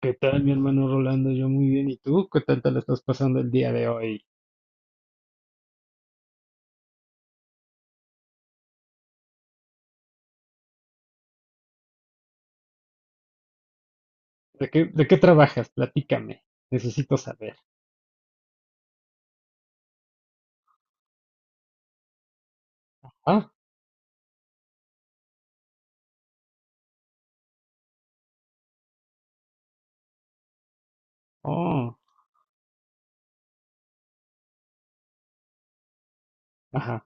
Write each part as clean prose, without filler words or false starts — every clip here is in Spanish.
¿Qué tal, mi hermano Rolando? Yo muy bien. ¿Y tú? ¿Qué tal te lo estás pasando el día de hoy? De qué trabajas? Platícame. Necesito saber. Ah, oh, ajá.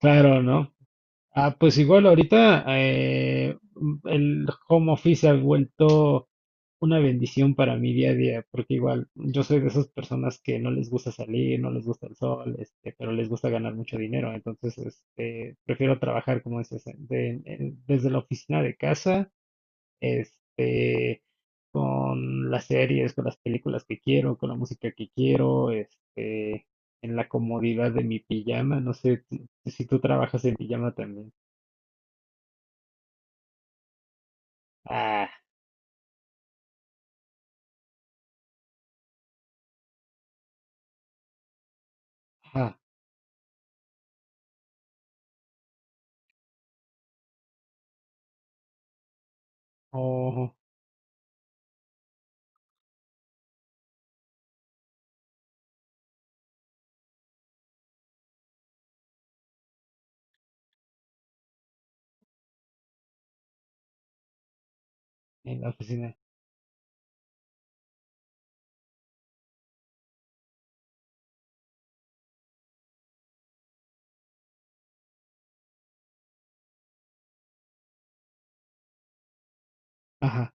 Claro, ¿no? Ah, pues igual ahorita el home office ha vuelto una bendición para mi día a día, porque igual yo soy de esas personas que no les gusta salir, no les gusta el sol, pero les gusta ganar mucho dinero. Entonces, prefiero trabajar, como dices, desde la oficina de casa, este, con las series, con las películas que quiero, con la música que quiero, en la comodidad de mi pijama. ¿Si tú trabajas en pijama también? Ah, ajá, ojo, en la oficina. Ajá.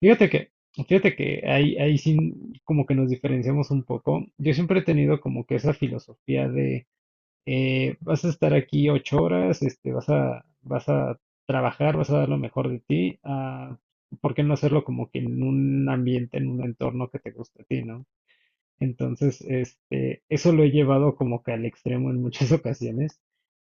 Fíjate que, fíjate que ahí, ahí sí como que nos diferenciamos un poco. Yo siempre he tenido como que esa filosofía de vas a estar aquí 8 horas, vas a, vas a trabajar, vas a dar lo mejor de ti. Ah, ¿por qué no hacerlo como que en un ambiente, en un entorno que te guste a ti, ¿no? Entonces, eso lo he llevado como que al extremo en muchas ocasiones.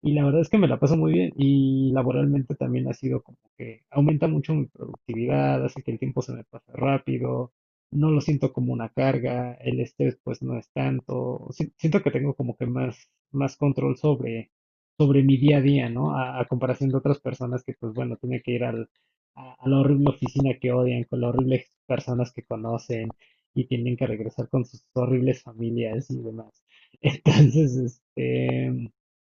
Y la verdad es que me la paso muy bien y laboralmente también ha sido como que aumenta mucho mi productividad, hace que el tiempo se me pase rápido, no lo siento como una carga, el estrés pues no es tanto, siento que tengo como que más, más control sobre, sobre mi día a día, ¿no? A comparación de otras personas que pues bueno, tienen que ir al, a la horrible oficina que odian, con las horribles personas que conocen y tienen que regresar con sus horribles familias y demás. Entonces, en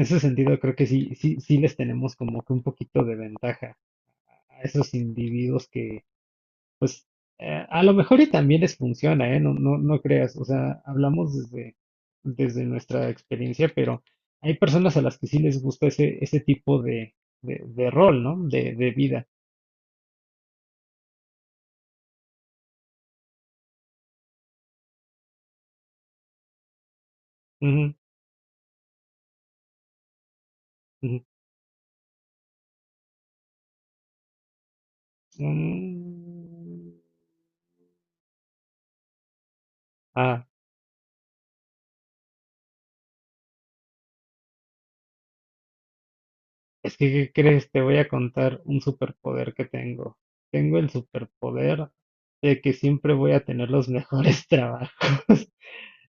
ese sentido creo que sí, sí, sí les tenemos como que un poquito de ventaja a esos individuos que, pues, a lo mejor y también les funciona, ¿eh? No, no, no creas, o sea, hablamos desde, desde nuestra experiencia, pero hay personas a las que sí les gusta ese, ese tipo de rol, ¿no? De vida. Ujú, ujú. Mm. Ah, es que, ¿qué crees? Te voy a contar un superpoder que tengo. Tengo el superpoder de que siempre voy a tener los mejores trabajos.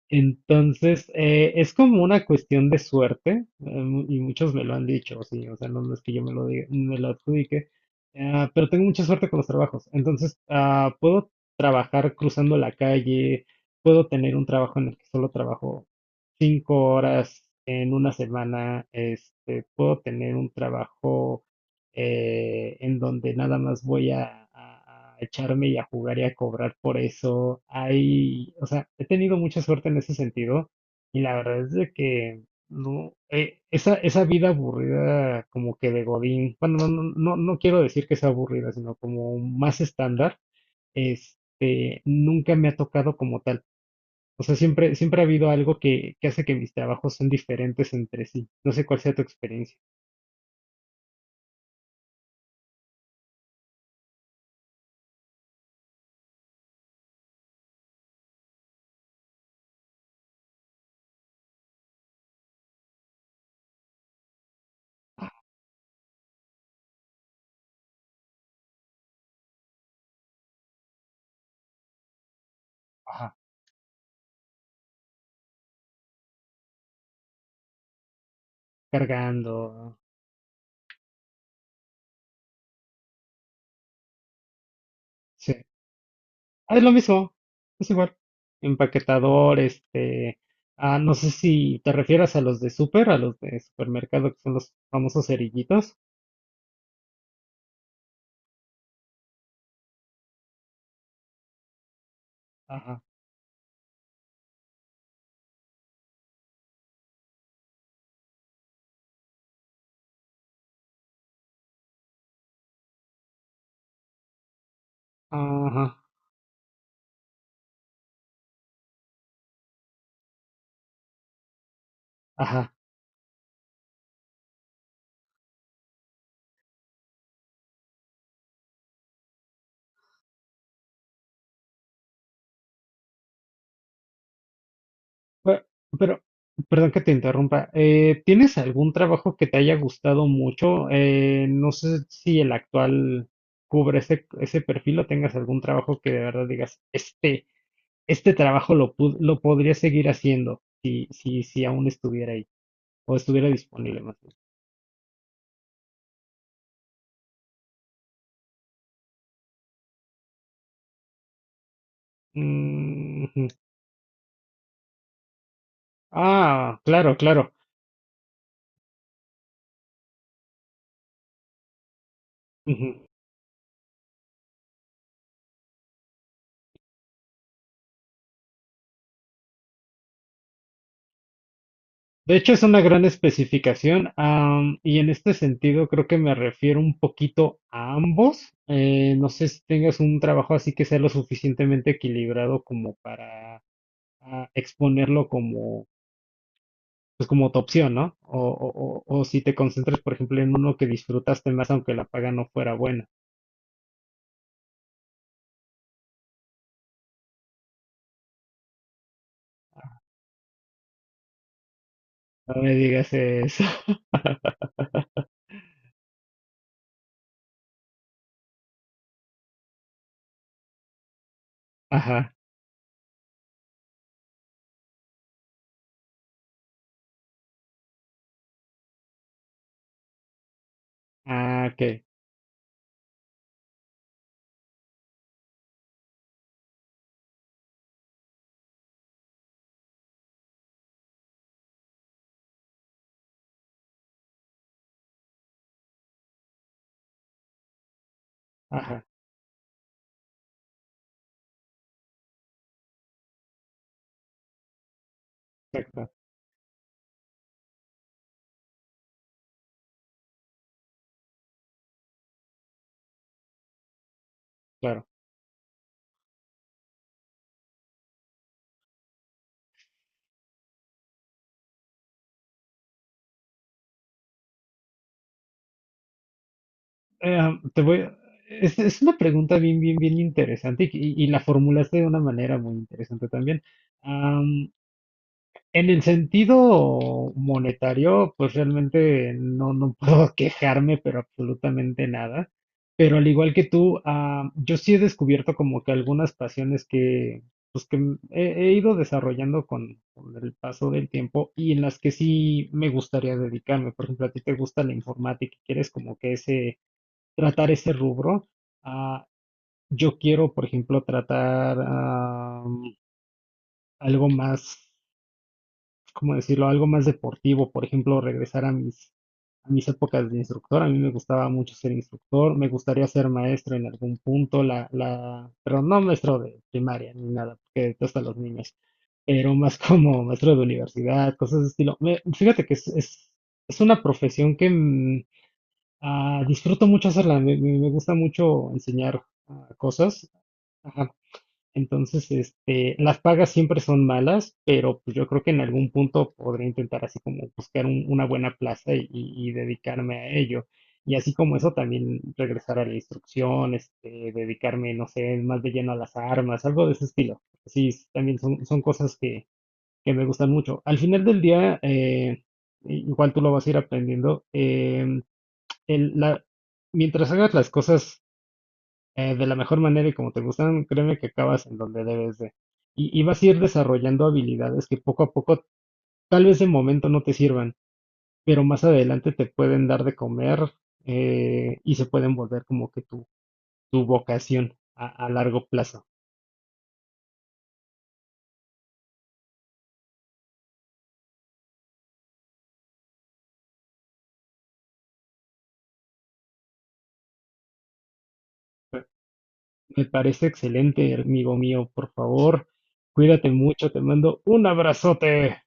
Entonces, es como una cuestión de suerte, y muchos me lo han dicho, sí, o sea, no es que yo me lo adjudique, ah, pero tengo mucha suerte con los trabajos. Entonces, ah, puedo trabajar cruzando la calle, puedo tener un trabajo en el que solo trabajo 5 horas en una semana, puedo tener un trabajo en donde nada más voy a, a echarme y a jugar y a cobrar por eso. Hay, o sea, he tenido mucha suerte en ese sentido y la verdad es de que no, esa, esa vida aburrida como que de Godín, bueno, no, no, no quiero decir que sea aburrida, sino como más estándar, nunca me ha tocado como tal. O sea, siempre, siempre ha habido algo que hace que mis trabajos sean diferentes entre sí. No sé cuál sea tu experiencia. Ajá. Cargando. Ah, es lo mismo, es igual. Empaquetador, ah, no sé si te refieras a los a los de supermercado, que son los famosos cerillitos. Ajá, ajá, ajá. Pe- Pero, perdón que te interrumpa. ¿Tienes algún trabajo que te haya gustado mucho? No sé si el actual cubre ese, ese perfil o tengas algún trabajo que de verdad digas, este trabajo lo, lo podría seguir haciendo si, si, si aún estuviera ahí o estuviera disponible más. Mm, ujú. Ah, claro, claro. Ujú. De hecho, es una gran especificación, am, y en este sentido creo que me refiero un poquito a ambos. No sé si tengas un trabajo así que sea lo suficientemente equilibrado como para ah, exponerlo como, pues como tu opción, ¿no? O, o si te concentras, por ejemplo, en uno que disfrutaste más aunque la paga no fuera buena. No me digas eso. Ajá. Ah, ok. Ajá. Exacto. Claro. Em, te voy a- es una pregunta bien, bien, bien interesante y, y la formulaste de una manera muy interesante también. Am, en el sentido monetario, pues realmente no, no puedo quejarme, pero absolutamente nada. Pero al igual que tú, am, yo sí he descubierto como que algunas pasiones que, he, he ido desarrollando con el paso del tiempo y en las que sí me gustaría dedicarme. Por ejemplo, a ti te gusta la informática y quieres como que ese tratar ese rubro. Ah, yo quiero, por ejemplo, tratar ah, algo más, ¿cómo decirlo? Algo más deportivo, por ejemplo, regresar a mis épocas de instructor. A mí me gustaba mucho ser instructor, me gustaría ser maestro en algún punto, la, pero no maestro de primaria ni nada, porque detesto a los niños, pero más como maestro de universidad, cosas de estilo. Fíjate que es una profesión que ah, disfruto mucho hacerla, me, me gusta mucho enseñar ah, cosas. Ajá. Entonces, las pagas siempre son malas, pero pues, yo creo que en algún punto podré intentar así como buscar una buena plaza y, y dedicarme a ello. Y así como eso, también regresar a la instrucción, dedicarme, no sé, más de lleno a las armas, algo de ese estilo. Sí, también son, son cosas que me gustan mucho. Al final del día, igual tú lo vas a ir aprendiendo. El- la, mientras hagas las cosas de la mejor manera y como te gustan, créeme que acabas en donde debes de. Y vas a ir desarrollando habilidades que poco a poco, tal vez de momento no te sirvan, pero más adelante te pueden dar de comer y se pueden volver como que tu vocación a largo plazo. Me parece excelente, amigo mío. Por favor, cuídate mucho. Te mando un abrazote.